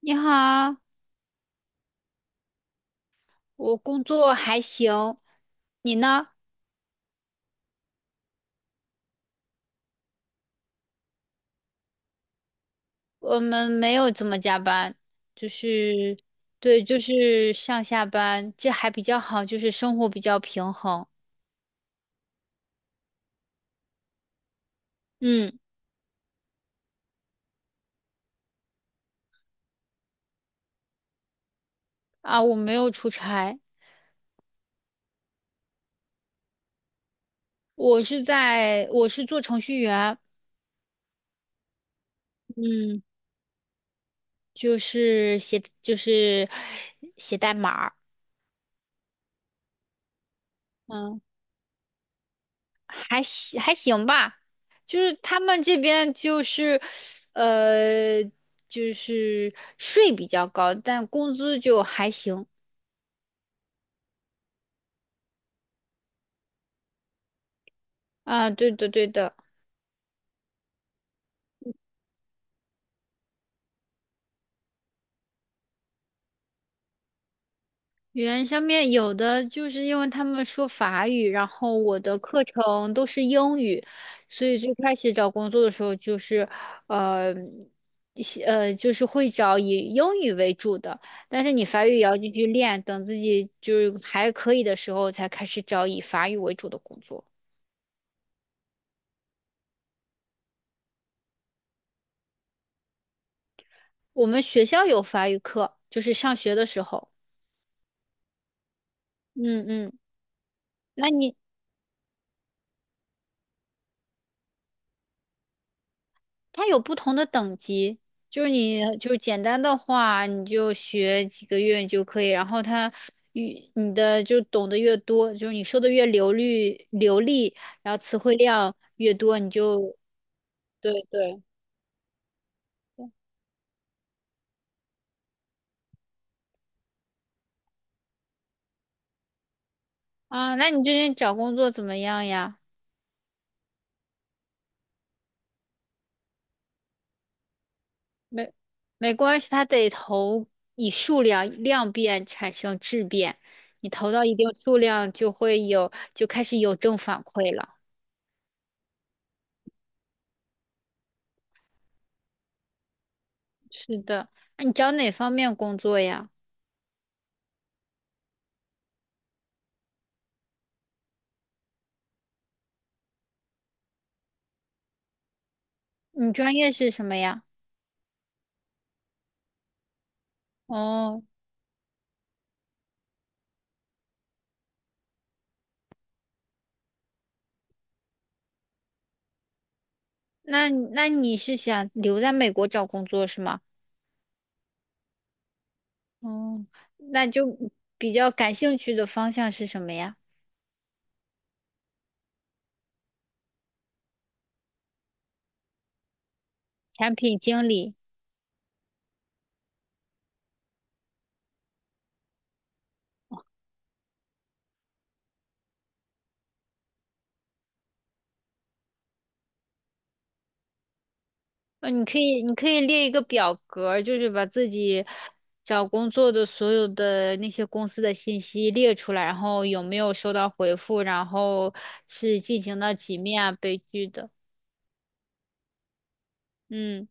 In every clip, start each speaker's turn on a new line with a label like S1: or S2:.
S1: 你好，我工作还行，你呢？我们没有怎么加班，就是，对，就是上下班，这还比较好，就是生活比较平衡。嗯，啊，我没有出差，我是做程序员，嗯，就是写代码嗯。还行还行吧，就是他们这边就是，呃，就是税比较高，但工资就还行啊。对的对的，语言上面有的就是因为他们说法语，然后我的课程都是英语，所以最开始找工作的时候就是，呃，一些就是会找以英语为主的，但是你法语也要继续练，等自己就是还可以的时候才开始找以法语为主的工作。我们学校有法语课，就是上学的时候。嗯嗯，那你它有不同的等级，就是你就是简单的话，你就学几个月你就可以，然后它越你的就懂得越多，就是你说的越流利，然后词汇量越多，你就对对啊。那你最近找工作怎么样呀？没没关系，它得投以数量量变产生质变，你投到一定数量就开始有正反馈了。是的，那你找哪方面工作呀？你专业是什么呀？哦，那你是想留在美国找工作是吗？哦，那就比较感兴趣的方向是什么呀？产品经理。你可以列一个表格儿就是把自己找工作的所有的那些公司的信息列出来，然后有没有收到回复，然后是进行到几面啊，被拒的。嗯，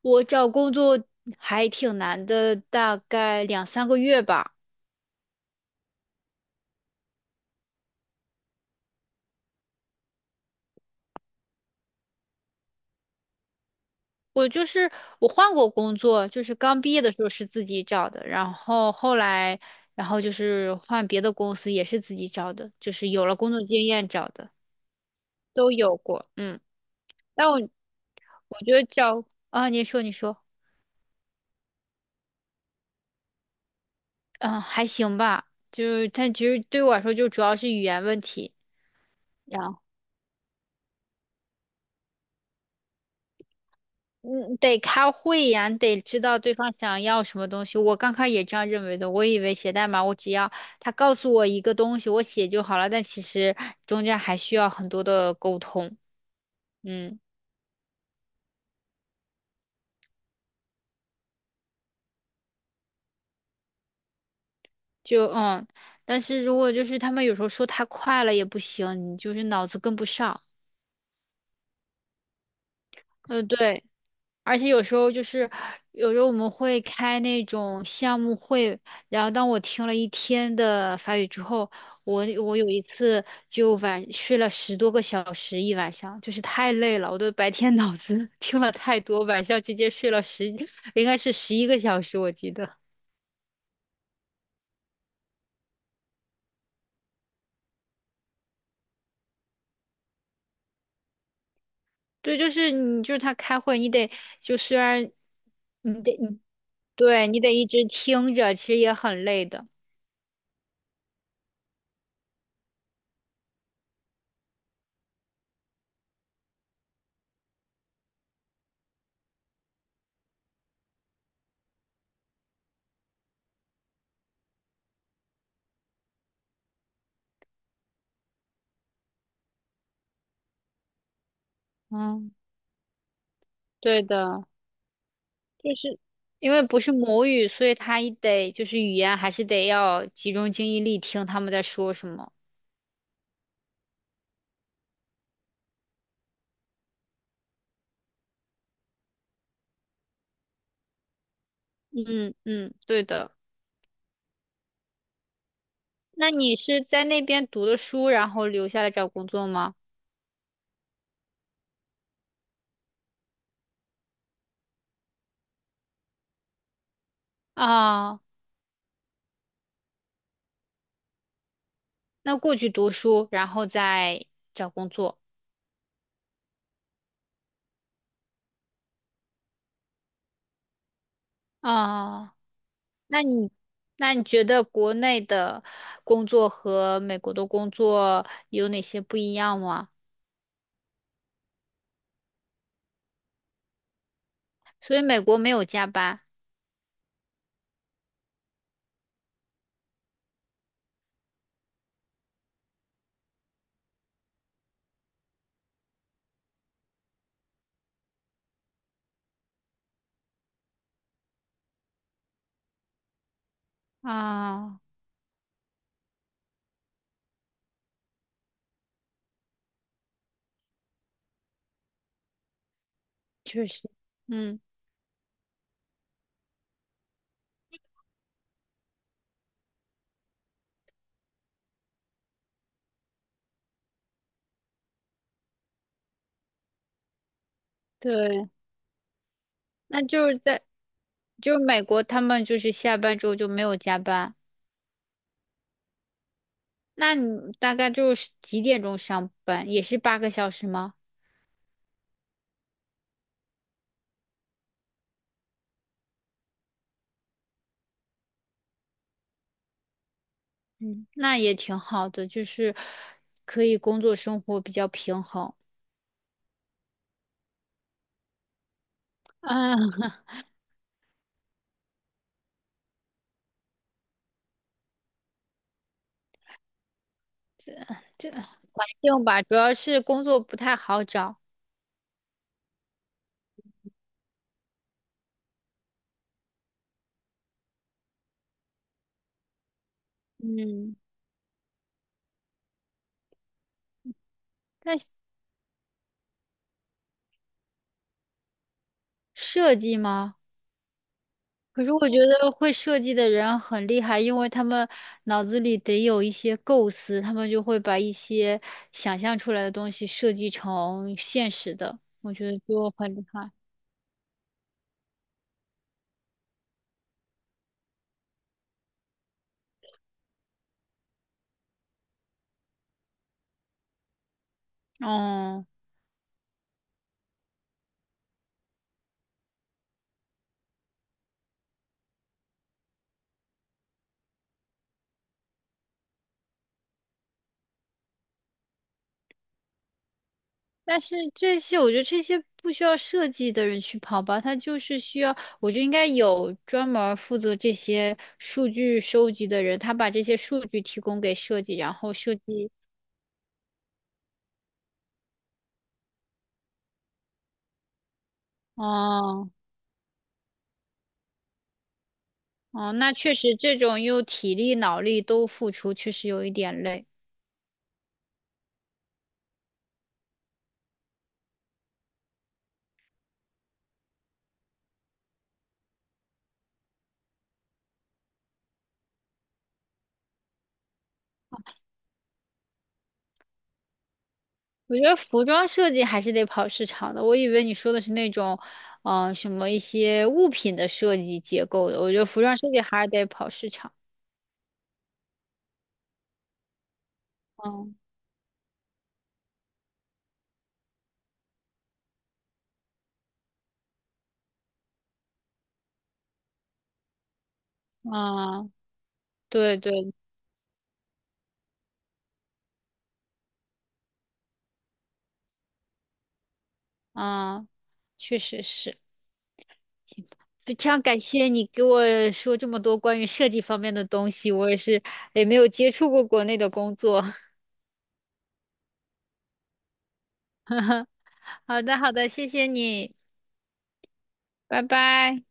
S1: 我找工作还挺难的，大概两三个月吧。我就是我换过工作，就是刚毕业的时候是自己找的，然后后来，然后就是换别的公司也是自己找的，就是有了工作经验找的，都有过。嗯，但我觉得找啊，你说你说，嗯，还行吧，就是但其实对我来说就主要是语言问题。嗯，得开会呀，你得知道对方想要什么东西。我刚开始也这样认为的，我以为写代码我只要他告诉我一个东西，我写就好了。但其实中间还需要很多的沟通。嗯，就嗯，但是如果就是他们有时候说太快了也不行，你就是脑子跟不上。嗯，对。而且有时候我们会开那种项目会，然后当我听了一天的法语之后，我有一次就晚睡了10多个小时一晚上，就是太累了，我都白天脑子 听了太多，晚上直接睡了十，应该是11个小时，我记得。对，就是你，就是他开会，你得就虽然你得你对你得一直听着，其实也很累的。嗯，对的。就是因为不是母语，所以他一得就是语言还是得要集中精力听他们在说什么。嗯嗯，对的。那你是在那边读的书，然后留下来找工作吗？啊，那过去读书，然后再找工作。啊，那你那你觉得国内的工作和美国的工作有哪些不一样吗？所以美国没有加班啊，确实，嗯。对，那就是美国，他们就是下班之后就没有加班。那你大概就是几点钟上班？也是8个小时吗？嗯，那也挺好的，就是可以工作生活比较平衡。啊，这这还行吧，主要是工作不太好找。嗯，那设计吗？可是我觉得会设计的人很厉害，因为他们脑子里得有一些构思，他们就会把一些想象出来的东西设计成现实的，我觉得就很厉害。嗯，但是这些我觉得这些不需要设计的人去跑吧，他就是需要，我觉得应该有专门儿负责这些数据收集的人，他把这些数据提供给设计，然后设计。哦、哦，那确实，这种又体力脑力都付出，确实有一点累。我觉得服装设计还是得跑市场的。我以为你说的是那种，什么一些物品的设计结构的。我觉得服装设计还是得跑市场。嗯嗯，对对，嗯，确实是。行吧非常感谢你给我说这么多关于设计方面的东西，我也是也没有接触过国内的工作。好的好的，谢谢你，拜拜。